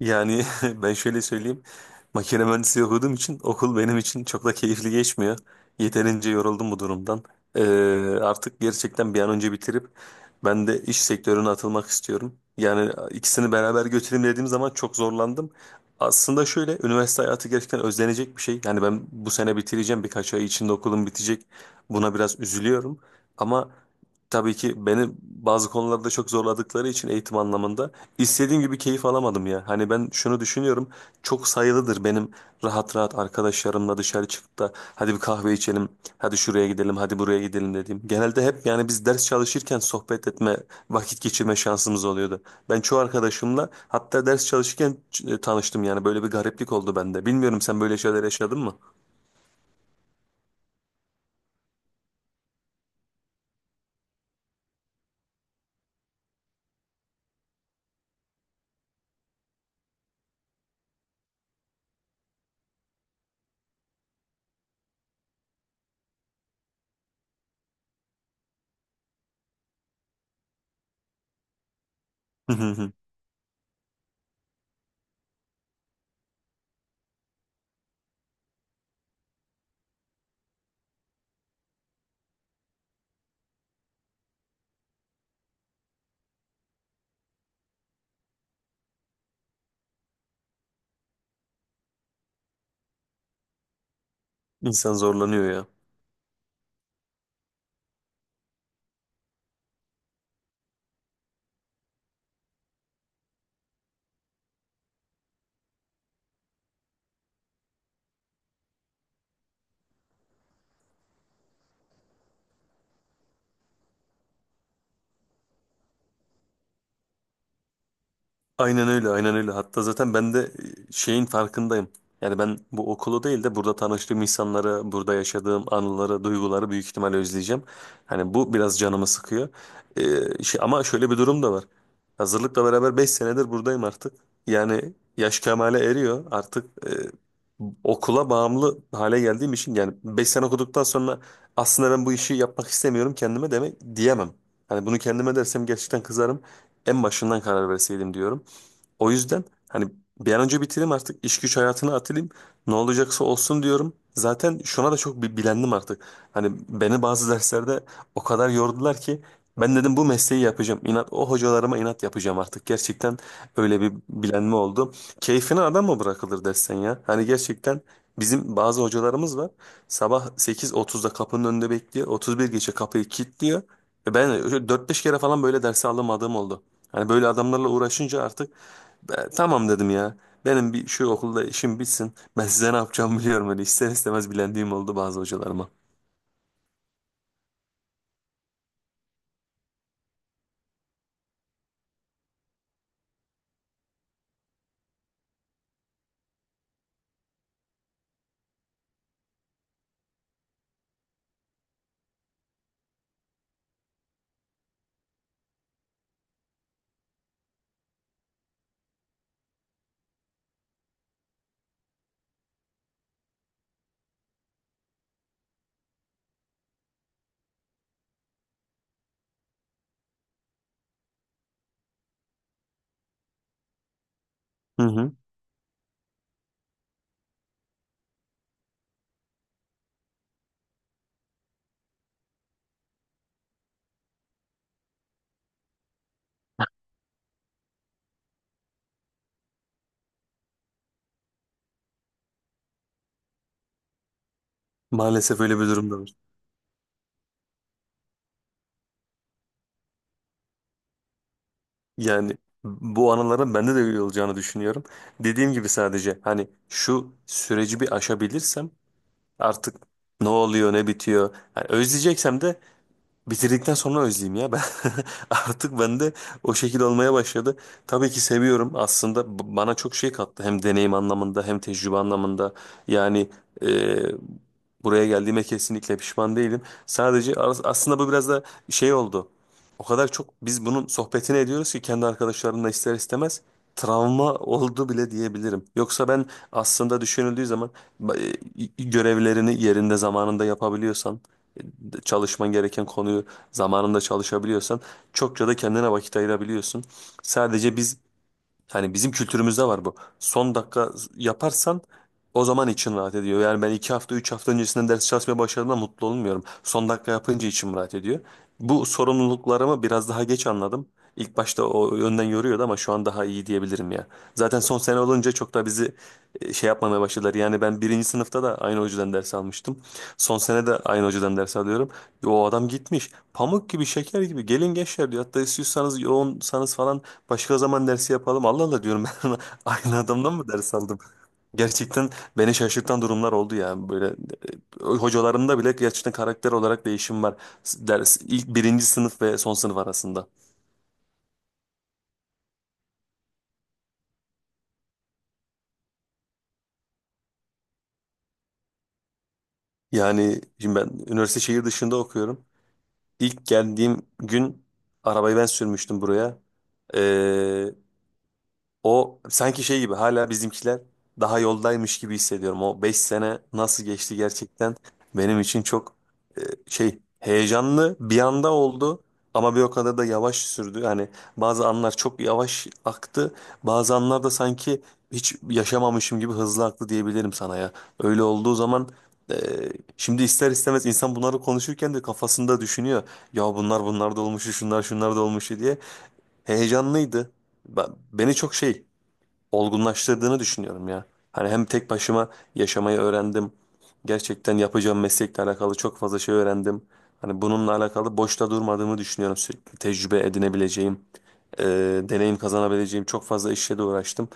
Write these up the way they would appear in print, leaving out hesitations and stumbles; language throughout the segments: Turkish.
Yani ben şöyle söyleyeyim. Makine mühendisliği okuduğum için okul benim için çok da keyifli geçmiyor. Yeterince yoruldum bu durumdan. Ee, artık gerçekten bir an önce bitirip ben de iş sektörüne atılmak istiyorum. Yani ikisini beraber götüreyim dediğim zaman çok zorlandım. Aslında şöyle üniversite hayatı gerçekten özlenecek bir şey. Yani ben bu sene bitireceğim birkaç ay içinde okulum bitecek. Buna biraz üzülüyorum. Ama tabii ki beni bazı konularda çok zorladıkları için eğitim anlamında İstediğim gibi keyif alamadım ya. Hani ben şunu düşünüyorum. Çok sayılıdır benim rahat rahat arkadaşlarımla dışarı çıkıp da hadi bir kahve içelim, hadi şuraya gidelim, hadi buraya gidelim dediğim. Genelde hep yani biz ders çalışırken sohbet etme, vakit geçirme şansımız oluyordu. Ben çoğu arkadaşımla hatta ders çalışırken tanıştım yani böyle bir gariplik oldu bende. Bilmiyorum sen böyle şeyler yaşadın mı? İnsan zorlanıyor ya. Aynen öyle, aynen öyle. Hatta zaten ben de şeyin farkındayım. Yani ben bu okulu değil de burada tanıştığım insanları, burada yaşadığım anıları, duyguları büyük ihtimalle özleyeceğim. Hani bu biraz canımı sıkıyor. Şey, ama şöyle bir durum da var. Hazırlıkla beraber 5 senedir buradayım artık. Yani yaş kemale eriyor. Artık okula bağımlı hale geldiğim için yani 5 sene okuduktan sonra aslında ben bu işi yapmak istemiyorum kendime demek diyemem. Hani bunu kendime dersem gerçekten kızarım. En başından karar verseydim diyorum. O yüzden hani bir an önce bitireyim artık iş güç hayatına atılayım. Ne olacaksa olsun diyorum. Zaten şuna da çok bilendim artık. Hani beni bazı derslerde o kadar yordular ki ben dedim bu mesleği yapacağım. İnat o hocalarıma inat yapacağım artık. Gerçekten öyle bir bilenme oldu. Keyfine adam mı bırakılır dersen ya? Hani gerçekten bizim bazı hocalarımız var. Sabah 8.30'da kapının önünde bekliyor. 31 geçe kapıyı kilitliyor. Ve ben dört beş kere falan böyle dersi alamadığım oldu. Hani böyle adamlarla uğraşınca artık "E, tamam dedim ya. Benim bir şu okulda işim bitsin. Ben size ne yapacağımı biliyorum. Hani ister istemez bilendiğim oldu bazı hocalarıma. Hı hı. Maalesef öyle bir durumda var. Yani bu anıların bende de öyle olacağını düşünüyorum. Dediğim gibi sadece hani şu süreci bir aşabilirsem artık ne oluyor ne bitiyor. Yani özleyeceksem de bitirdikten sonra özleyeyim ya ben. Artık bende o şekil olmaya başladı. Tabii ki seviyorum aslında bana çok şey kattı hem deneyim anlamında hem tecrübe anlamında yani, e, buraya geldiğime kesinlikle pişman değilim. Sadece aslında bu biraz da şey oldu o kadar çok biz bunun sohbetini ediyoruz ki kendi arkadaşlarımla ister istemez travma oldu bile diyebilirim. Yoksa ben aslında düşünüldüğü zaman görevlerini yerinde zamanında yapabiliyorsan çalışman gereken konuyu zamanında çalışabiliyorsan çokça da kendine vakit ayırabiliyorsun. Sadece biz, hani bizim kültürümüzde var bu. Son dakika yaparsan o zaman için rahat ediyor. Yani ben 2 hafta, 3 hafta öncesinden ders çalışmaya başladığımda mutlu olmuyorum. Son dakika yapınca içim rahat ediyor. Bu sorumluluklarımı biraz daha geç anladım. İlk başta o yönden yoruyordu ama şu an daha iyi diyebilirim ya. Zaten son sene olunca çok da bizi şey yapmamaya başladılar. Yani ben birinci sınıfta da aynı hocadan ders almıştım. Son sene de aynı hocadan ders alıyorum. O adam gitmiş. Pamuk gibi, şeker gibi. Gelin gençler diyor. Hatta istiyorsanız yoğunsanız falan başka zaman dersi yapalım. Allah Allah diyorum ben aynı adamdan mı ders aldım? Gerçekten beni şaşırtan durumlar oldu ya. Böyle hocalarımda bile gerçekten karakter olarak değişim var. Ders ilk birinci sınıf ve son sınıf arasında. Yani şimdi ben üniversite şehir dışında okuyorum. İlk geldiğim gün arabayı ben sürmüştüm buraya. O sanki şey gibi hala bizimkiler daha yoldaymış gibi hissediyorum. O 5 sene nasıl geçti gerçekten benim için çok, e, şey heyecanlı bir anda oldu ama bir o kadar da yavaş sürdü. Yani bazı anlar çok yavaş aktı bazı anlar da sanki hiç yaşamamışım gibi hızlı aktı diyebilirim sana ya. Öyle olduğu zaman e, şimdi ister istemez insan bunları konuşurken de kafasında düşünüyor. Ya bunlar bunlar da olmuştu şunlar şunlar da olmuştu diye heyecanlıydı. Beni çok şey olgunlaştırdığını düşünüyorum ya. Hani hem tek başıma yaşamayı öğrendim. Gerçekten yapacağım meslekle alakalı çok fazla şey öğrendim. Hani bununla alakalı boşta durmadığımı düşünüyorum. Sürekli tecrübe edinebileceğim, e, deneyim kazanabileceğim çok fazla işle de uğraştım.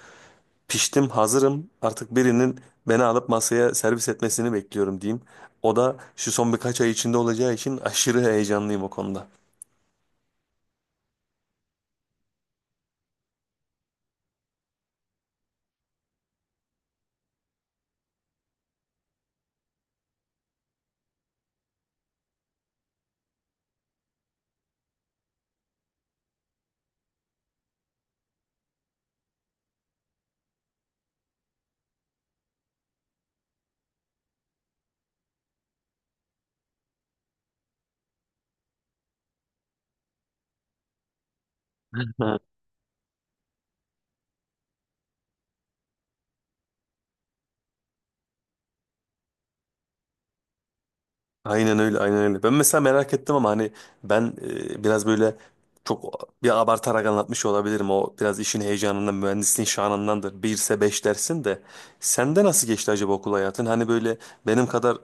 Piştim, hazırım. Artık birinin beni alıp masaya servis etmesini bekliyorum diyeyim. O da şu son birkaç ay içinde olacağı için aşırı heyecanlıyım o konuda. Aynen öyle, aynen öyle. Ben mesela merak ettim ama hani ben, biraz böyle çok bir abartarak anlatmış olabilirim. O biraz işin heyecanından, mühendisliğin şanındandır. Bir Birse beş dersin de. Sende nasıl geçti acaba okul hayatın? Hani böyle benim kadar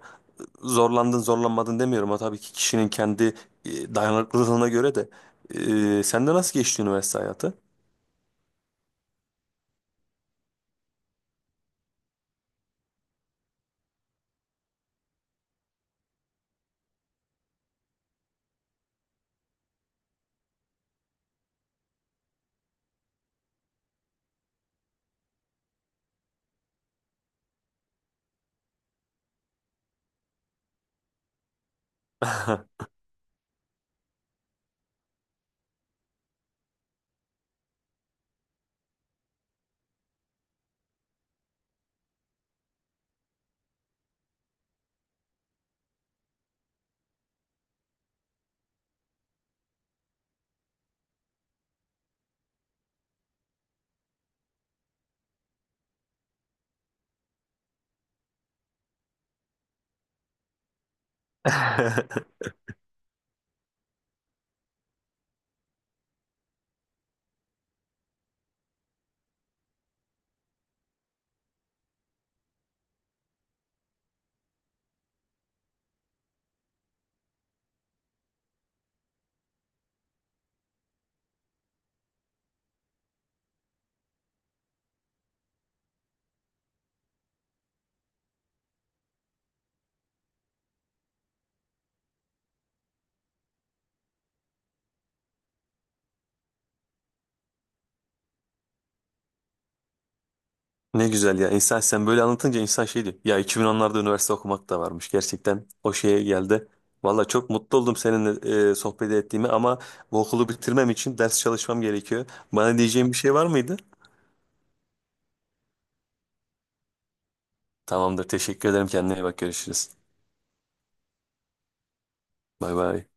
zorlandın, zorlanmadın demiyorum. O tabii ki kişinin kendi dayanıklılığına göre de. E, sende nasıl geçti üniversite hayatı? Ne güzel ya. İnsan sen böyle anlatınca insan şey diyor. Ya 2010'larda üniversite okumak da varmış. Gerçekten o şeye geldi. Valla çok mutlu oldum seninle, sohbet ettiğime ama bu okulu bitirmem için ders çalışmam gerekiyor. Bana diyeceğin bir şey var mıydı? Tamamdır. Teşekkür ederim. Kendine iyi bak. Görüşürüz. Bay bay.